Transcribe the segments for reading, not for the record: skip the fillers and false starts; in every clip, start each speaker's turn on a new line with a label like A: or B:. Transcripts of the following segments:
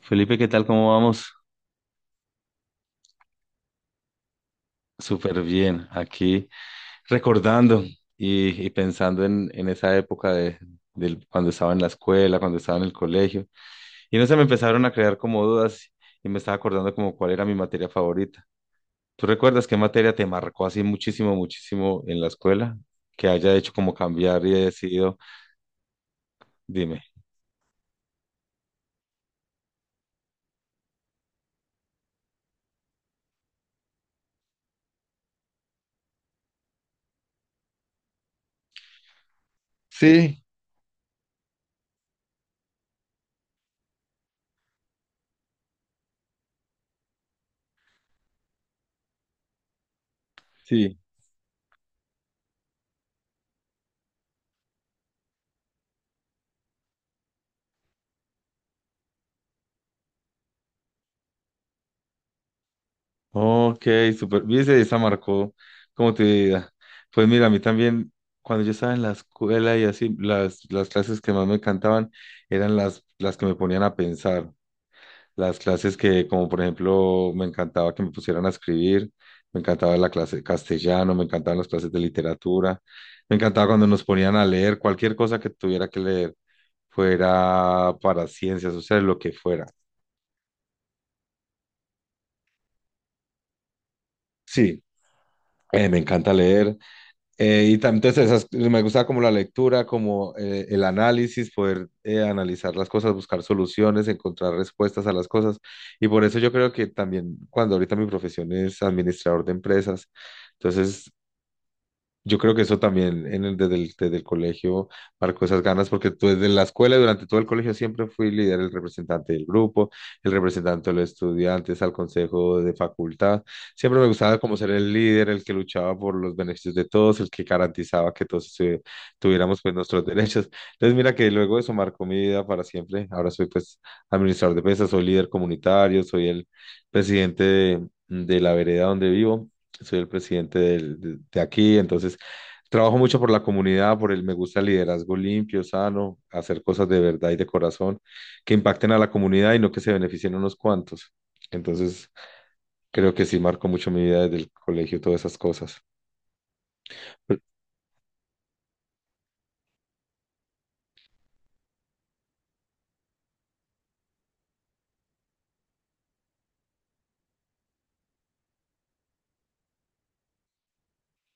A: Felipe, ¿qué tal? ¿Cómo vamos? Súper bien. Aquí recordando y pensando en esa época de cuando estaba en la escuela, cuando estaba en el colegio. Y no se me empezaron a crear como dudas y me estaba acordando como cuál era mi materia favorita. ¿Tú recuerdas qué materia te marcó así muchísimo, muchísimo en la escuela? Que haya hecho como cambiar y he decidido, dime. Sí, sí. Ok, super. Viste, esa marcó como tu vida. Pues mira, a mí también, cuando yo estaba en la escuela y así, las clases que más me encantaban eran las que me ponían a pensar. Las clases que, como por ejemplo, me encantaba que me pusieran a escribir, me encantaba la clase de castellano, me encantaban las clases de literatura, me encantaba cuando nos ponían a leer cualquier cosa que tuviera que leer, fuera para ciencias sociales, lo que fuera. Sí, me encanta leer. Entonces esas, me gusta como la lectura, como el análisis, poder analizar las cosas, buscar soluciones, encontrar respuestas a las cosas. Y por eso yo creo que también cuando ahorita mi profesión es administrador de empresas, entonces yo creo que eso también en desde el colegio marcó esas ganas, porque tú desde la escuela, durante todo el colegio, siempre fui líder, el representante del grupo, el representante de los estudiantes al consejo de facultad. Siempre me gustaba como ser el líder, el que luchaba por los beneficios de todos, el que garantizaba que todos tuviéramos pues nuestros derechos. Entonces mira que luego eso marcó mi vida para siempre. Ahora soy pues administrador de pesas, soy líder comunitario, soy el presidente de la vereda donde vivo, soy el presidente de aquí, entonces trabajo mucho por la comunidad, por el me gusta el liderazgo limpio, sano, hacer cosas de verdad y de corazón que impacten a la comunidad y no que se beneficien unos cuantos. Entonces, creo que sí marcó mucho mi vida desde el colegio, todas esas cosas.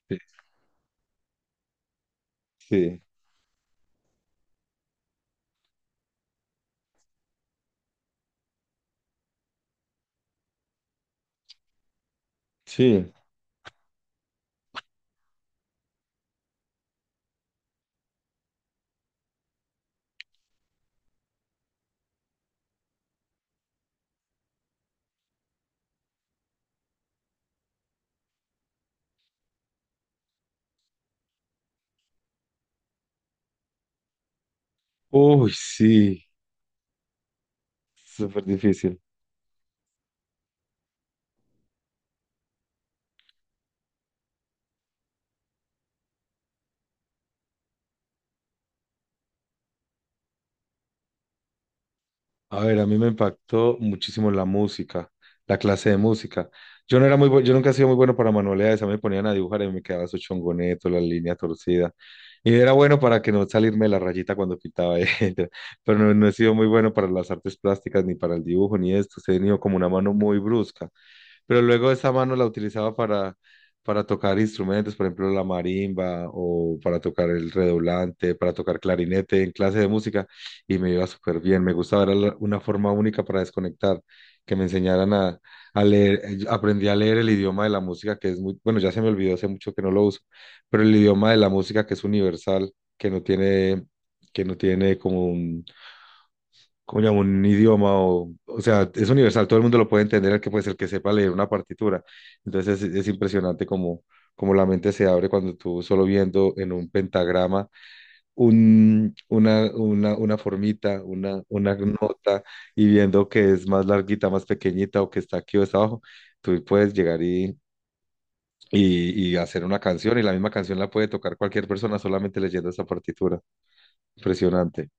A: Sí, sí. Sí. Uy, sí, súper difícil. A ver, a mí me impactó muchísimo la música, la clase de música. Yo no era muy bueno, yo nunca he sido muy bueno para manualidades, a mí me ponían a dibujar y me quedaba su chongoneto, la línea torcida. Y era bueno para que no salirme de la rayita cuando pintaba, etcétera. Pero no, no he sido muy bueno para las artes plásticas, ni para el dibujo, ni esto. He tenido como una mano muy brusca, pero luego esa mano la utilizaba para tocar instrumentos, por ejemplo, la marimba o para tocar el redoblante, para tocar clarinete en clase de música y me iba súper bien. Me gustaba, era una forma única para desconectar, que me enseñaran a leer. Yo aprendí a leer el idioma de la música, que es muy, bueno, ya se me olvidó, hace mucho que no lo uso, pero el idioma de la música que es universal, que no tiene, que no tiene como un ¿cómo llamo? Un idioma o sea, es universal, todo el mundo lo puede entender, el que puede ser que sepa leer una partitura. Entonces es impresionante como, como la mente se abre cuando tú solo viendo en un pentagrama una formita, una nota y viendo que es más larguita, más pequeñita o que está aquí o está abajo, tú puedes llegar y... y hacer una canción, y la misma canción la puede tocar cualquier persona solamente leyendo esa partitura. Impresionante.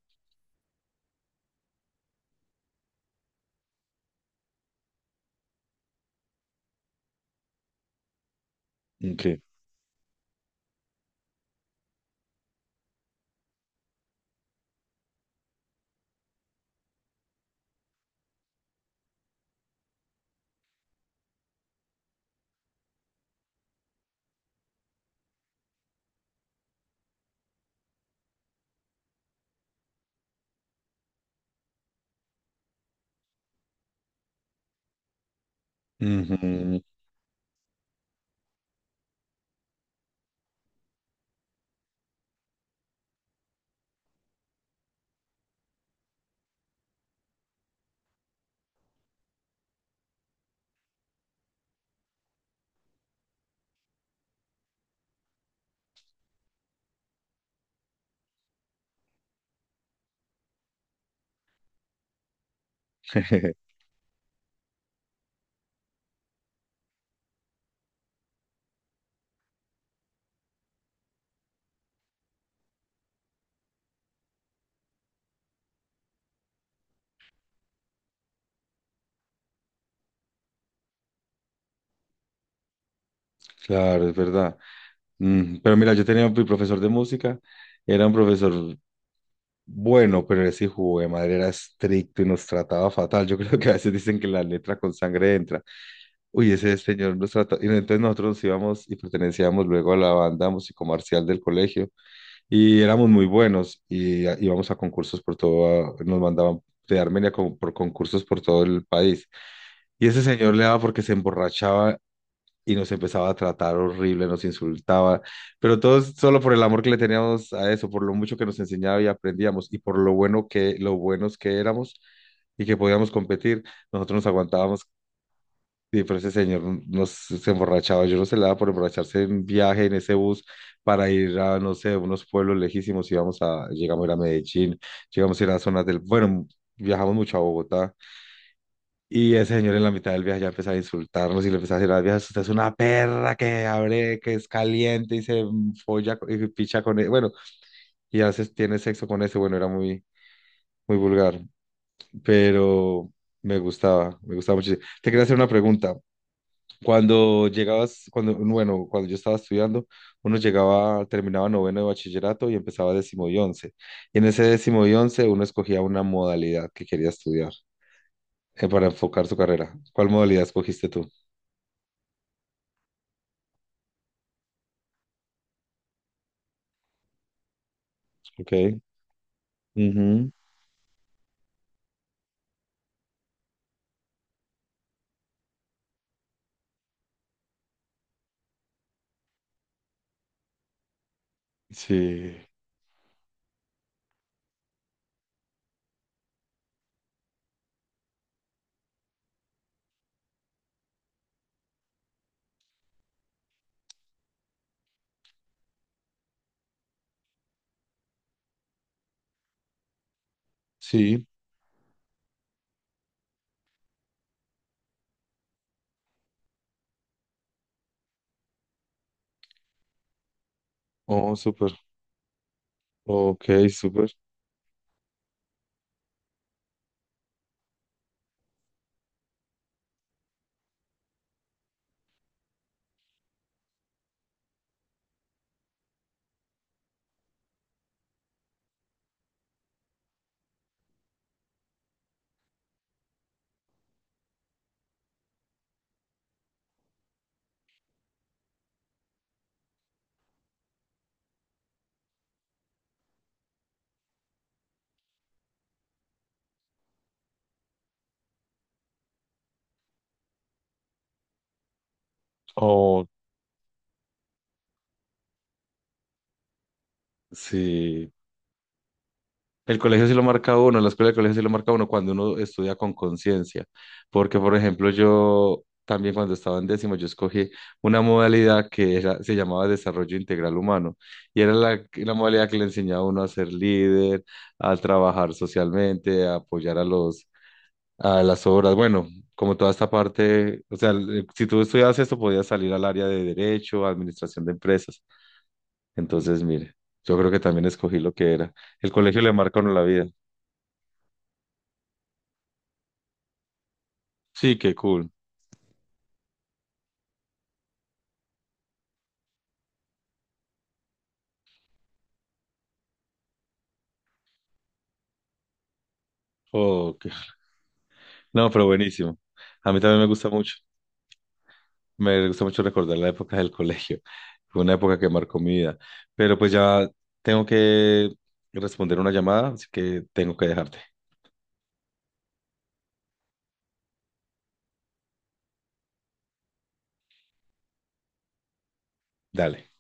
A: Ok. Ujú. Claro, es verdad. Mm, pero mira, yo tenía mi profesor de música, era un profesor bueno, pero ese hijo de madre era estricto y nos trataba fatal. Yo creo que a veces dicen que la letra con sangre entra. Uy, ese señor nos trató. Y entonces nosotros nos íbamos y pertenecíamos luego a la banda musicomarcial del colegio y éramos muy buenos y íbamos a concursos por todo, nos mandaban de Armenia como por concursos por todo el país. Y ese señor le daba porque se emborrachaba y nos empezaba a tratar horrible, nos insultaba, pero todos solo por el amor que le teníamos a eso, por lo mucho que nos enseñaba y aprendíamos y por lo bueno que, lo buenos que éramos y que podíamos competir, nosotros nos aguantábamos. Y pero ese señor nos se emborrachaba, yo no se le daba por emborracharse en viaje en ese bus para ir a, no sé, unos pueblos lejísimos, íbamos a, llegamos a ir a Medellín, llegamos a ir a zonas del, bueno, viajamos mucho a Bogotá, y ese señor en la mitad del viaje ya empezaba a insultarnos y le empezaba a decir a las viejas, usted es una perra que abre, que es caliente y se y picha con él. Bueno, y hace, tiene sexo con ese. Bueno, era muy, muy vulgar, pero me gustaba muchísimo. Te quería hacer una pregunta. Cuando llegabas, cuando, bueno, cuando yo estaba estudiando, uno llegaba, terminaba noveno de bachillerato y empezaba décimo y once. Y en ese décimo y once uno escogía una modalidad que quería estudiar para enfocar su carrera. ¿Cuál modalidad escogiste tú? Ok. Ujú, sí, sí, oh, súper, ok, súper, oh, sí. El colegio sí lo marca a uno, la escuela del colegio sí lo marca a uno cuando uno estudia con conciencia, porque por ejemplo yo también cuando estaba en décimo yo escogí una modalidad se llamaba desarrollo integral humano y era la modalidad que le enseñaba a uno a ser líder, a trabajar socialmente, a apoyar a los a las obras. Bueno, como toda esta parte, o sea, si tú estudias esto, podías salir al área de derecho, administración de empresas. Entonces, mire, yo creo que también escogí lo que era. El colegio le marca a uno la vida. Sí, qué cool. Oh, qué... No, pero buenísimo. A mí también me gusta mucho. Me gusta mucho recordar la época del colegio. Fue una época que marcó mi vida. Pero pues ya tengo que responder una llamada, así que tengo que dejarte. Dale.